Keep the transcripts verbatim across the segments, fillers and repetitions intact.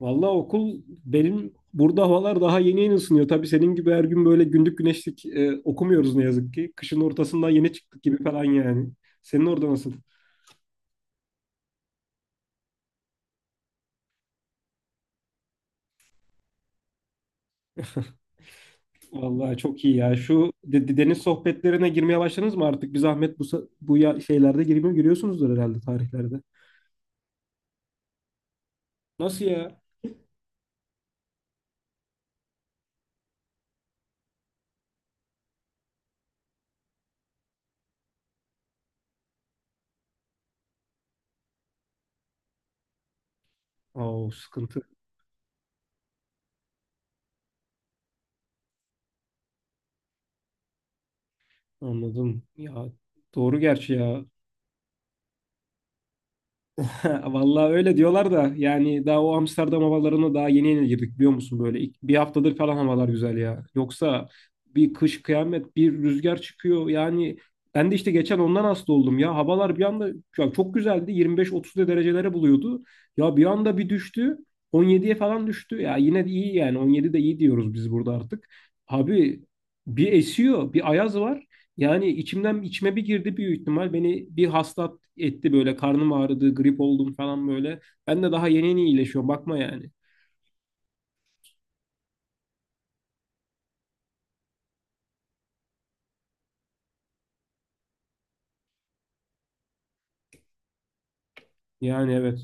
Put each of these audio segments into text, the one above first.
Vallahi okul benim burada havalar daha yeni yeni ısınıyor. Tabii senin gibi her gün böyle gündük güneşlik e, okumuyoruz ne yazık ki. Kışın ortasından yeni çıktık gibi falan yani. Senin orada nasıl? Vallahi çok iyi ya. Şu de- de- deniz sohbetlerine girmeye başladınız mı artık? Bir zahmet bu, sa- bu ya- şeylerde girmiyor, giriyorsunuzdur herhalde tarihlerde. Nasıl ya? Oo sıkıntı. Anladım. Ya doğru gerçi ya. Vallahi öyle diyorlar da yani daha o Amsterdam havalarına daha yeni yeni girdik biliyor musun böyle İlk- bir haftadır falan havalar güzel ya. Yoksa bir kış kıyamet bir rüzgar çıkıyor yani ben de işte geçen ondan hasta oldum ya havalar bir anda ya çok güzeldi yirmi beş otuz derecelere buluyordu ya bir anda bir düştü on yediye falan düştü ya yine de iyi yani on yedi de iyi diyoruz biz burada artık. Abi bir esiyor bir ayaz var yani içimden içime bir girdi büyük ihtimal. Beni bir hasta etti böyle karnım ağrıdı, grip oldum falan böyle. Ben de daha yeni yeni iyileşiyorum bakma yani. Yani evet.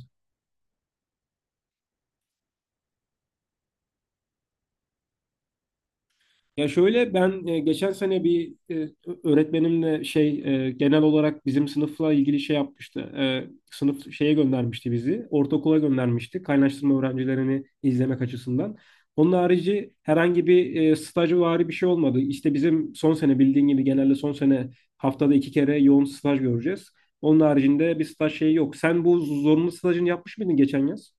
Ya şöyle ben e, geçen sene bir e, öğretmenimle şey e, genel olarak bizim sınıfla ilgili şey yapmıştı. E, sınıf şeye göndermişti bizi. Ortaokula göndermişti. Kaynaştırma öğrencilerini izlemek açısından. Onun harici herhangi bir e, stajvari bir şey olmadı. İşte bizim son sene bildiğin gibi genelde son sene haftada iki kere yoğun staj göreceğiz. Onun haricinde bir staj şeyi yok. Sen bu zorunlu stajını yapmış mıydın geçen yaz?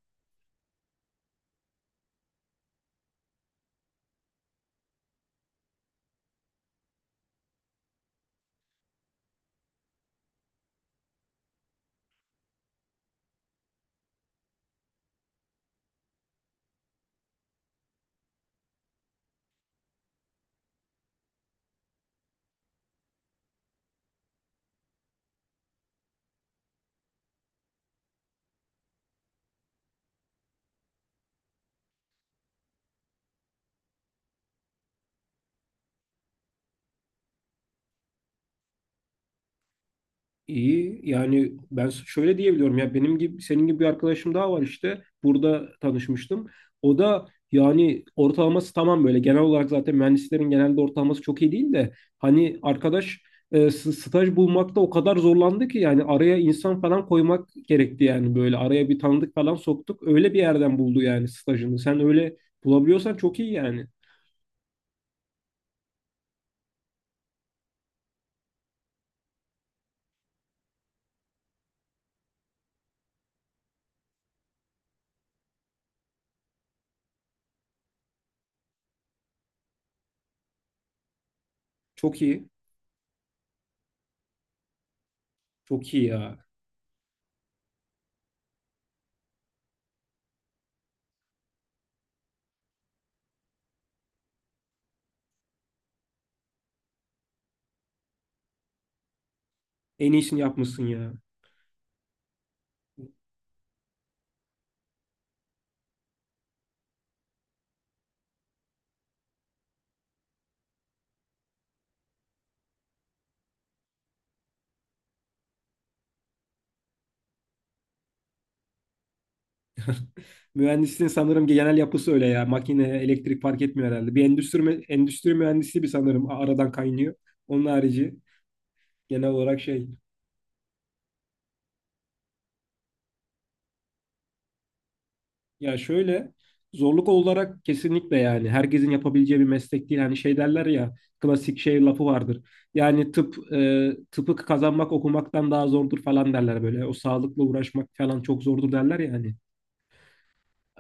İyi yani ben şöyle diyebiliyorum ya benim gibi senin gibi bir arkadaşım daha var işte burada tanışmıştım. O da yani ortalaması tamam böyle genel olarak zaten mühendislerin genelde ortalaması çok iyi değil de hani arkadaş e, s- staj bulmakta o kadar zorlandı ki yani araya insan falan koymak gerekti yani böyle araya bir tanıdık falan soktuk öyle bir yerden buldu yani stajını. Sen öyle bulabiliyorsan çok iyi yani. Çok iyi. Çok iyi ya. En iyisini yapmışsın ya. Mühendisliğin sanırım genel yapısı öyle ya. Makine, elektrik fark etmiyor herhalde. Bir endüstri, mü- endüstri mühendisi bir sanırım a- aradan kaynıyor. Onun harici genel olarak şey. Ya şöyle zorluk olarak kesinlikle yani herkesin yapabileceği bir meslek değil. Hani şey derler ya klasik şey lafı vardır. Yani tıp e, tıpı kazanmak okumaktan daha zordur falan derler böyle. O sağlıkla uğraşmak falan çok zordur derler yani.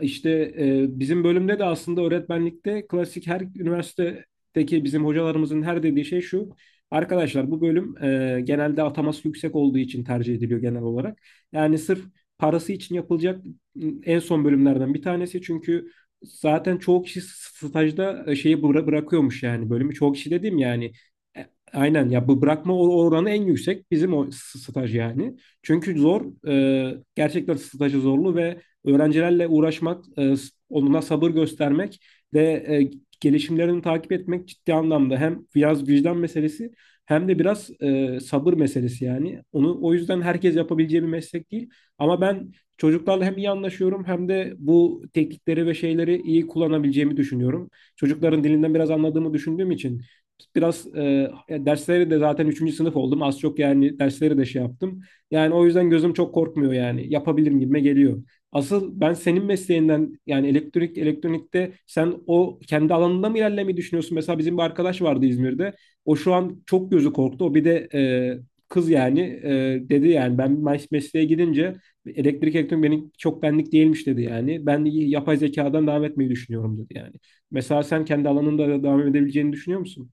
İşte e, bizim bölümde de aslında öğretmenlikte klasik her üniversitedeki bizim hocalarımızın her dediği şey şu. Arkadaşlar bu bölüm e, genelde ataması yüksek olduğu için tercih ediliyor genel olarak. Yani sırf parası için yapılacak en son bölümlerden bir tanesi. Çünkü zaten çoğu kişi stajda e, şeyi bıra- bırakıyormuş yani bölümü. Çoğu kişi dediğim yani e, aynen ya bu bırakma or- oranı en yüksek bizim o s- staj yani. Çünkü zor e, gerçekten stajı zorlu ve öğrencilerle uğraşmak, e, onlara sabır göstermek ve e, gelişimlerini takip etmek ciddi anlamda hem biraz vicdan meselesi hem de biraz e, sabır meselesi yani. Onu o yüzden herkes yapabileceği bir meslek değil. Ama ben çocuklarla hem iyi anlaşıyorum hem de bu teknikleri ve şeyleri iyi kullanabileceğimi düşünüyorum. Çocukların dilinden biraz anladığımı düşündüğüm için biraz e, dersleri de zaten üçüncü sınıf oldum. Az çok yani dersleri de şey yaptım. Yani o yüzden gözüm çok korkmuyor yani. Yapabilirim gibime geliyor. Asıl ben senin mesleğinden yani elektrik elektronikte sen o kendi alanında mı ilerlemeyi düşünüyorsun? Mesela bizim bir arkadaş vardı İzmir'de. O şu an çok gözü korktu. O bir de e, kız yani e, dedi yani ben mes- mesleğe gidince elektrik elektronik benim çok benlik değilmiş dedi yani. Ben yapay zekadan devam etmeyi düşünüyorum dedi yani. Mesela sen kendi alanında da devam edebileceğini düşünüyor musun?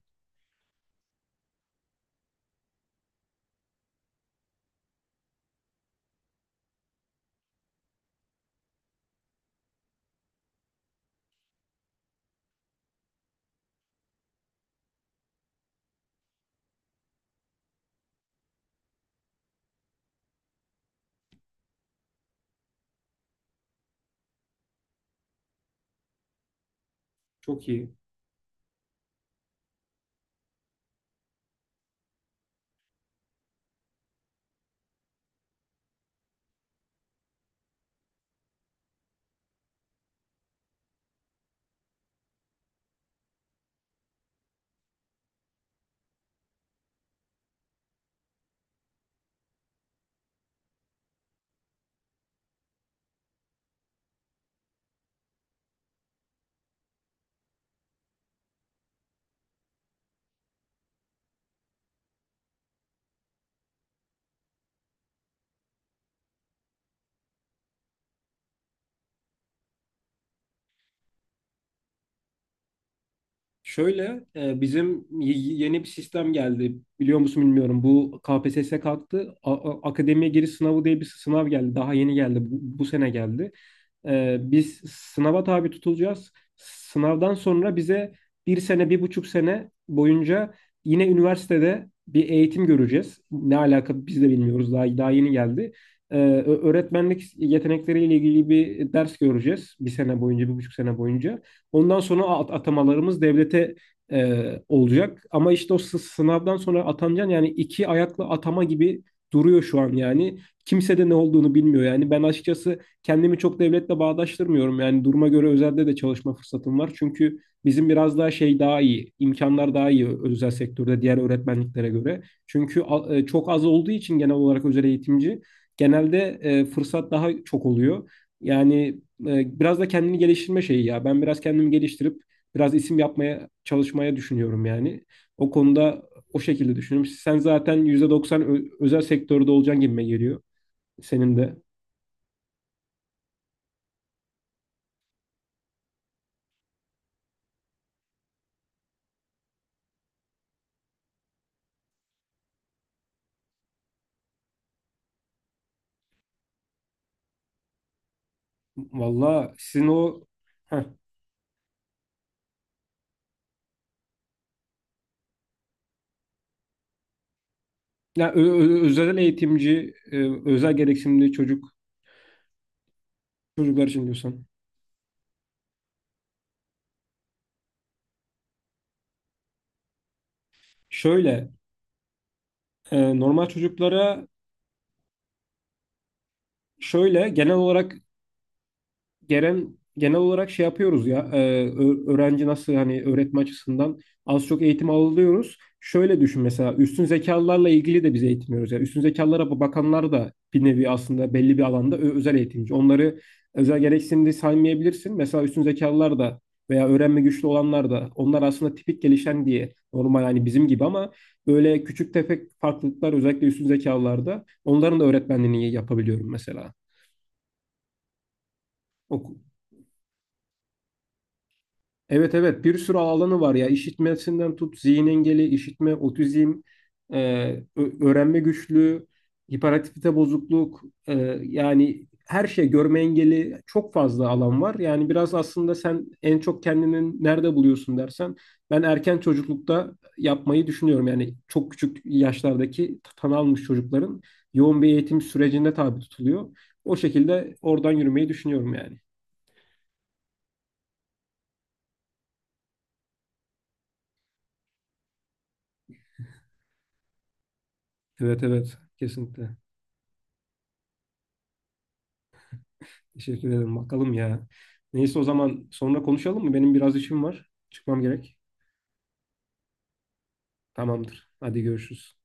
Çok iyi. Şöyle e, bizim y- yeni bir sistem geldi. Biliyor musun bilmiyorum. Bu KPSS kalktı. A- a- akademiye giriş sınavı diye bir sınav geldi. Daha yeni geldi. Bu, bu sene geldi. E, biz sınava tabi tutulacağız. Sınavdan sonra bize bir sene, bir buçuk sene boyunca yine üniversitede bir eğitim göreceğiz. Ne alaka biz de bilmiyoruz. Daha, daha yeni geldi. E, ö- öğretmenlik yetenekleriyle ilgili bir ders göreceğiz. Bir sene boyunca, bir buçuk sene boyunca. Ondan sonra at- atamalarımız devlete e, olacak. Ama işte o sı- sınavdan sonra atanacaksın yani iki ayaklı atama gibi duruyor şu an yani. Kimse de ne olduğunu bilmiyor yani. Ben açıkçası kendimi çok devletle bağdaştırmıyorum. Yani duruma göre özelde de çalışma fırsatım var. Çünkü bizim biraz daha şey daha iyi, imkanlar daha iyi özel sektörde diğer öğretmenliklere göre. Çünkü a- e, çok az olduğu için genel olarak özel eğitimci genelde e, fırsat daha çok oluyor. Yani e, biraz da kendini geliştirme şeyi ya. Ben biraz kendimi geliştirip biraz isim yapmaya çalışmaya düşünüyorum yani. O konuda o şekilde düşünüyorum. Sen zaten yüzde doksan ö- özel sektörde olacaksın gibime geliyor. Senin de. Valla sizin o heh, ya ö- ö- özel eğitimci, e, özel gereksinimli çocuk çocuklar için diyorsan. Şöyle, e, normal çocuklara şöyle genel olarak genel genel olarak şey yapıyoruz ya e, ö- öğrenci nasıl hani öğretme açısından az çok eğitim alıyoruz. Şöyle düşün mesela üstün zekalılarla ilgili de biz eğitim veriyoruz. Yani üstün zekalara bakanlar da bir nevi aslında belli bir alanda ö- özel eğitimci. Onları özel gereksinimde saymayabilirsin. Mesela üstün zekalılar da veya öğrenme güçlü olanlar da onlar aslında tipik gelişen diye normal hani bizim gibi ama böyle küçük tefek farklılıklar özellikle üstün zekalılarda onların da öğretmenliğini yapabiliyorum mesela. Evet evet bir sürü alanı var ya işitmesinden tut zihin engeli, işitme, otizm, e, ö- öğrenme güçlüğü, hiperaktivite bozukluk e, yani her şey görme engeli çok fazla alan var. Yani biraz aslında sen en çok kendini nerede buluyorsun dersen ben erken çocuklukta yapmayı düşünüyorum. Yani çok küçük yaşlardaki tan almış çocukların yoğun bir eğitim sürecine tabi tutuluyor. O şekilde oradan yürümeyi düşünüyorum yani. Evet evet kesinlikle. Teşekkür ederim. Bakalım ya. Neyse o zaman sonra konuşalım mı? Benim biraz işim var. Çıkmam gerek. Tamamdır. Hadi görüşürüz.